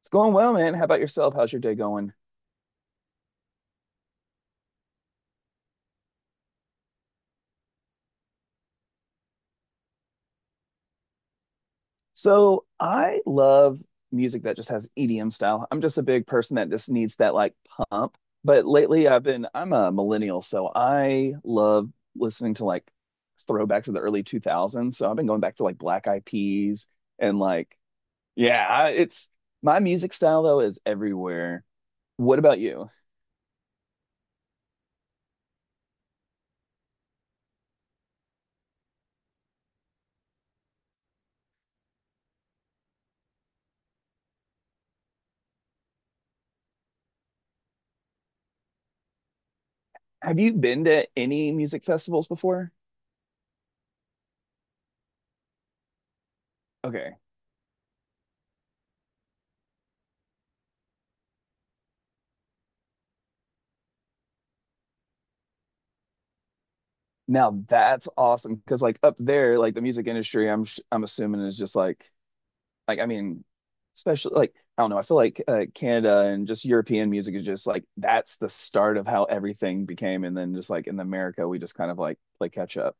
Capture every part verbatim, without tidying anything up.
It's going well, man. How about yourself? How's your day going? So I love music that just has E D M style. I'm just a big person that just needs that like pump. But lately I've been, I'm a millennial, so I love listening to like throwbacks of the early two thousands. So I've been going back to like Black Eyed Peas and like, yeah, I- it's my music style though is everywhere. What about you? Have you been to any music festivals before? Now that's awesome because like up there, like the music industry, I'm sh- I'm assuming is just like like I mean, especially like I don't know. I feel like uh, Canada and just European music is just like that's the start of how everything became, and then just like in America, we just kind of like play catch up.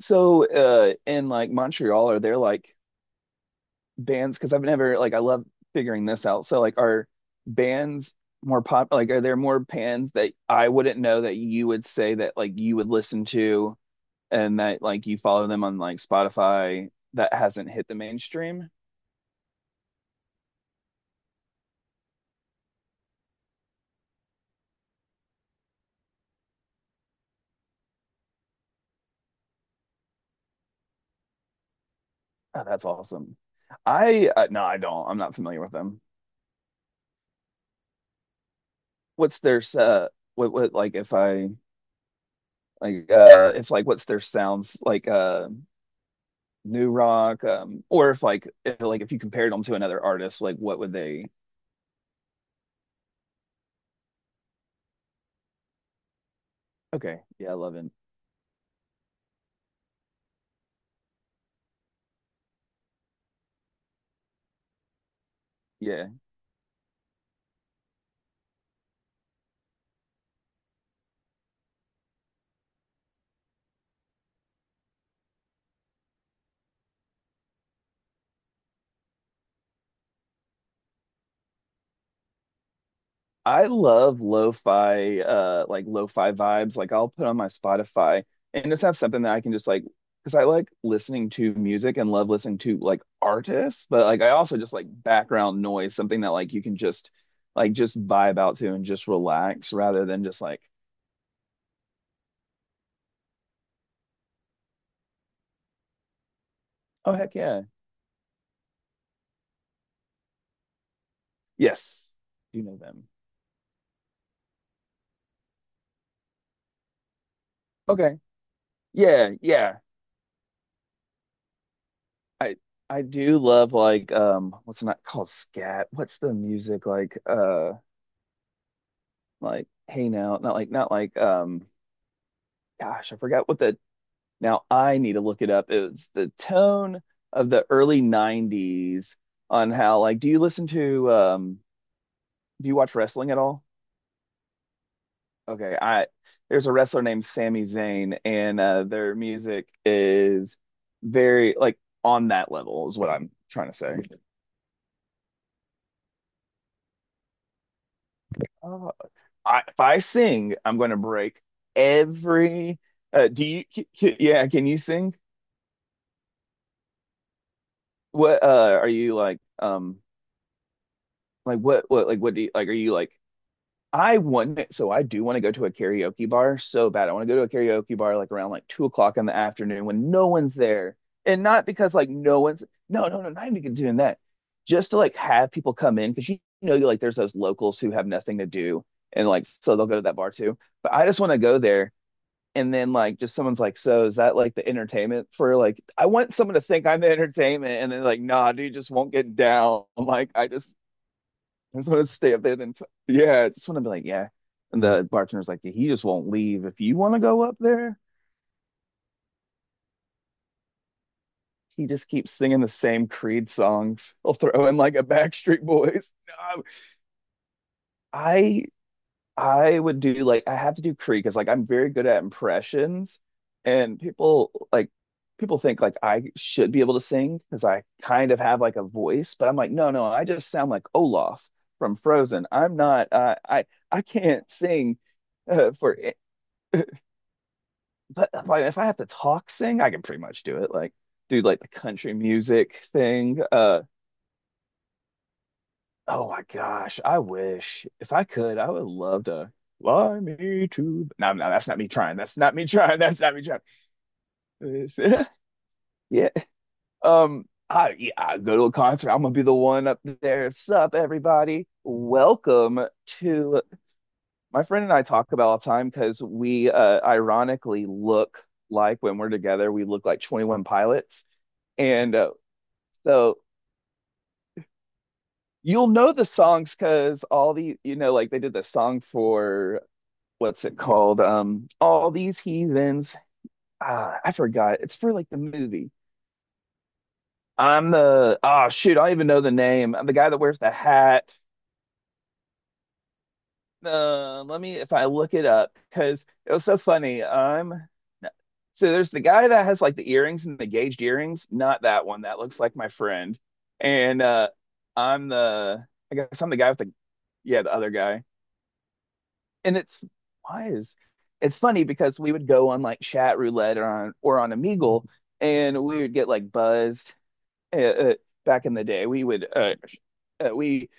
So uh, in like Montreal, are there like bands? Because I've never like I love figuring this out. So like are bands more pop? Like are there more bands that I wouldn't know that you would say that like you would listen to? And that like you follow them on like Spotify that hasn't hit the mainstream. Oh, that's awesome. I uh, no, I don't. I'm not familiar with them. What's their uh what what like if I like uh if like what's their sounds like uh new rock um or if like if, like if you compared them to another artist like what would they. Okay, yeah, I love it. Yeah. I love lo-fi, uh, like lo-fi vibes. Like I'll put on my Spotify and just have something that I can just like, because I like listening to music and love listening to like artists, but like I also just like background noise, something that like you can just like just vibe out to and just relax rather than just like, oh heck yeah, yes, you know them. Okay, yeah, yeah. I I do love like um, what's it not called scat? What's the music like? Uh, like hey now, not like not like um. Gosh, I forgot what the. Now I need to look it up. It was the tone of the early nineties on how like do you listen to um do you watch wrestling at all? Okay, I there's a wrestler named Sami Zayn and uh their music is very like on that level is what I'm trying to say. Oh, I, if I sing, I'm going to break every uh do you c- c- yeah, can you sing? What uh are you like um like what what like what do you like are you like I want so I do want to go to a karaoke bar so bad. I want to go to a karaoke bar like around like two o'clock in the afternoon when no one's there, and not because like no one's no, no, no, not even doing that, just to like have people come in because you know you like there's those locals who have nothing to do and like so they'll go to that bar too. But I just want to go there and then like just someone's like, so is that like the entertainment for like I want someone to think I'm the entertainment and then like nah, dude just won't get down. Like I just I just want to stay up there then yeah, I just want to be like, yeah. And the bartender's like, he just won't leave. If you want to go up there, he just keeps singing the same Creed songs. He'll throw in like a Backstreet Boys. No, I I would do like I have to do Creed because like I'm very good at impressions and people like people think like I should be able to sing because I kind of have like a voice, but I'm like, no, no, I just sound like Olaf from Frozen. I'm not uh, I I can't sing. Uh, for But if I if I have to talk sing, I can pretty much do it. Like do like the country music thing. Uh oh my gosh, I wish if I could, I would love to fly me to. No, no, that's not me trying. That's not me trying. That's not me trying. It's- Yeah. Um. I yeah. I go to a concert. I'm gonna be the one up there. Sup, everybody. Welcome to My friend and I talk about all the time because we uh, ironically look like when we're together, we look like twenty one Pilots. And uh, so you'll know the songs because all the, you know, like they did the song for what's it called? Um, all these heathens. Ah, I forgot. It's for like the movie. I'm the, oh shoot, I don't even know the name. I'm the guy that wears the hat. Uh, let me, if I look it up, because it was so funny. I'm, so there's the guy that has like the earrings and the gauged earrings, not that one. That looks like my friend. And uh I'm the I guess I'm the guy with the, yeah, the other guy. And it's wise. It's funny because we would go on like chat roulette or on or on Omegle, and we would get like buzzed. Uh, uh, back in the day, we would uh, uh, we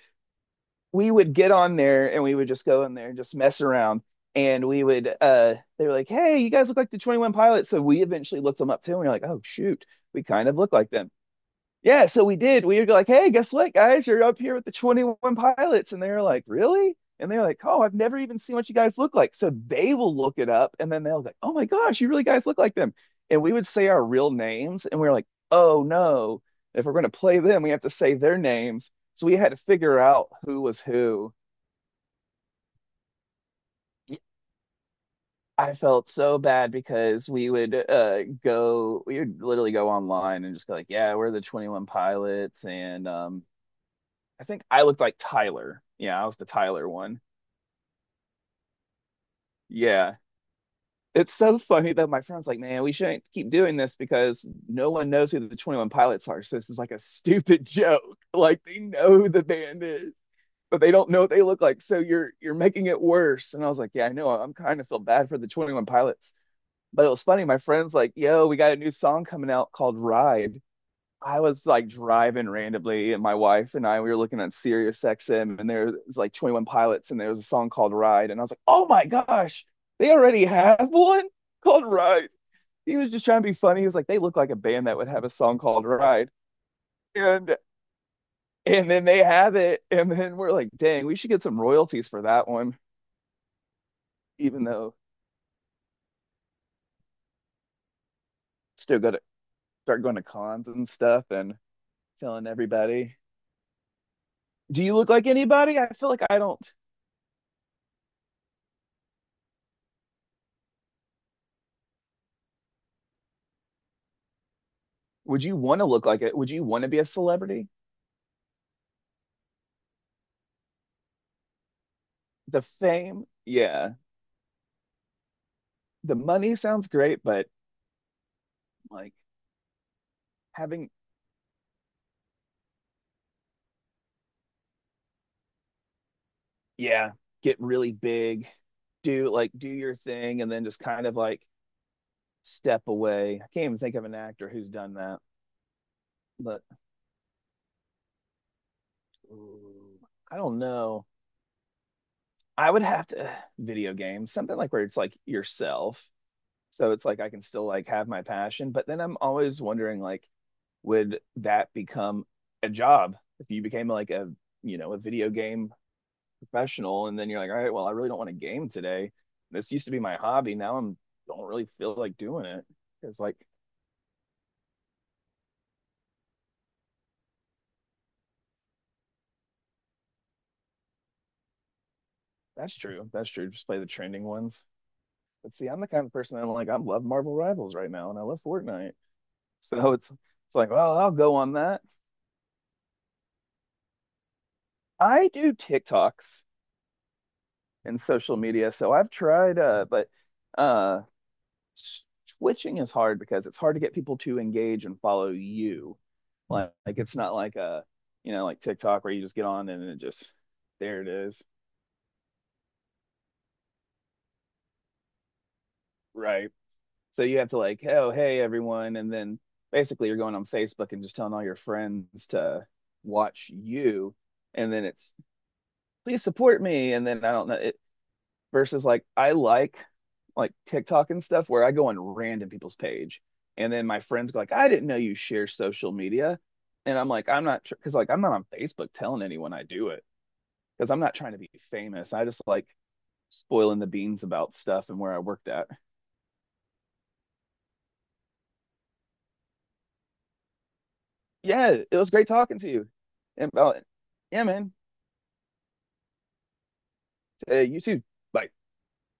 we would get on there and we would just go in there and just mess around. And we would uh, they were like, "Hey, you guys look like the Twenty One Pilots." So we eventually looked them up too, and we are like, "Oh shoot, we kind of look like them." Yeah, so we did. We were like, hey, guess what, guys? You're up here with the twenty one pilots. And they were like, really? And they're like, oh, I've never even seen what you guys look like. So they will look it up and then they'll be like, oh my gosh, you really guys look like them. And we would say our real names and we are like, oh no, if we're going to play them, we have to say their names. So we had to figure out who was who. I felt so bad because we would uh go, we would literally go online and just go like, yeah, we're the twenty one pilots and um I think I looked like Tyler. Yeah, I was the Tyler one. Yeah. It's so funny that my friend's like, man, we shouldn't keep doing this because no one knows who the twenty one Pilots are. So this is like a stupid joke. Like they know who the band is, but they don't know what they look like. So you're you're making it worse. And I was like, yeah, I know. I'm kind of feel bad for the twenty one Pilots. But it was funny. My friend's like, yo, we got a new song coming out called Ride. I was like driving randomly, and my wife and I we were looking at Sirius X M, and there was like twenty one Pilots, and there was a song called Ride, and I was like, oh my gosh, they already have one called Ride. He was just trying to be funny. He was like, they look like a band that would have a song called Ride, and and then they have it, and then we're like, dang, we should get some royalties for that one, even though still got to start going to cons and stuff and telling everybody, do you look like anybody? I feel like I don't. Would you want to look like it? Would you want to be a celebrity? The fame, yeah. The money sounds great, but like having, yeah, get really big, do like do your thing, and then just kind of like step away. I can't even think of an actor who's done that, but ooh, I don't know. I would have to video games, something like where it's like yourself. So it's like I can still like have my passion, but then I'm always wondering like would that become a job if you became like a, you know, a video game professional and then you're like, all right, well, I really don't want to game today. This used to be my hobby. Now I'm don't really feel like doing it. It's like that's true, that's true, just play the trending ones. But see, I'm the kind of person that I'm like I love Marvel Rivals right now and I love Fortnite. So it's it's like well I'll go on that. I do TikToks and social media, so I've tried uh but uh switching is hard because it's hard to get people to engage and follow you. Like, like it's not like a, you know, like TikTok where you just get on and it just there it is. Right. So you have to like, oh, hey everyone, and then basically you're going on Facebook and just telling all your friends to watch you, and then it's please support me, and then I don't know. It, versus like I like like TikTok and stuff where I go on random people's page and then my friends go like I didn't know you share social media and I'm like I'm not sure, because like I'm not on Facebook telling anyone I do it because I'm not trying to be famous. I just like spoiling the beans about stuff and where I worked at. Yeah, it was great talking to you. And about yeah, man. Uh, you too. Bye.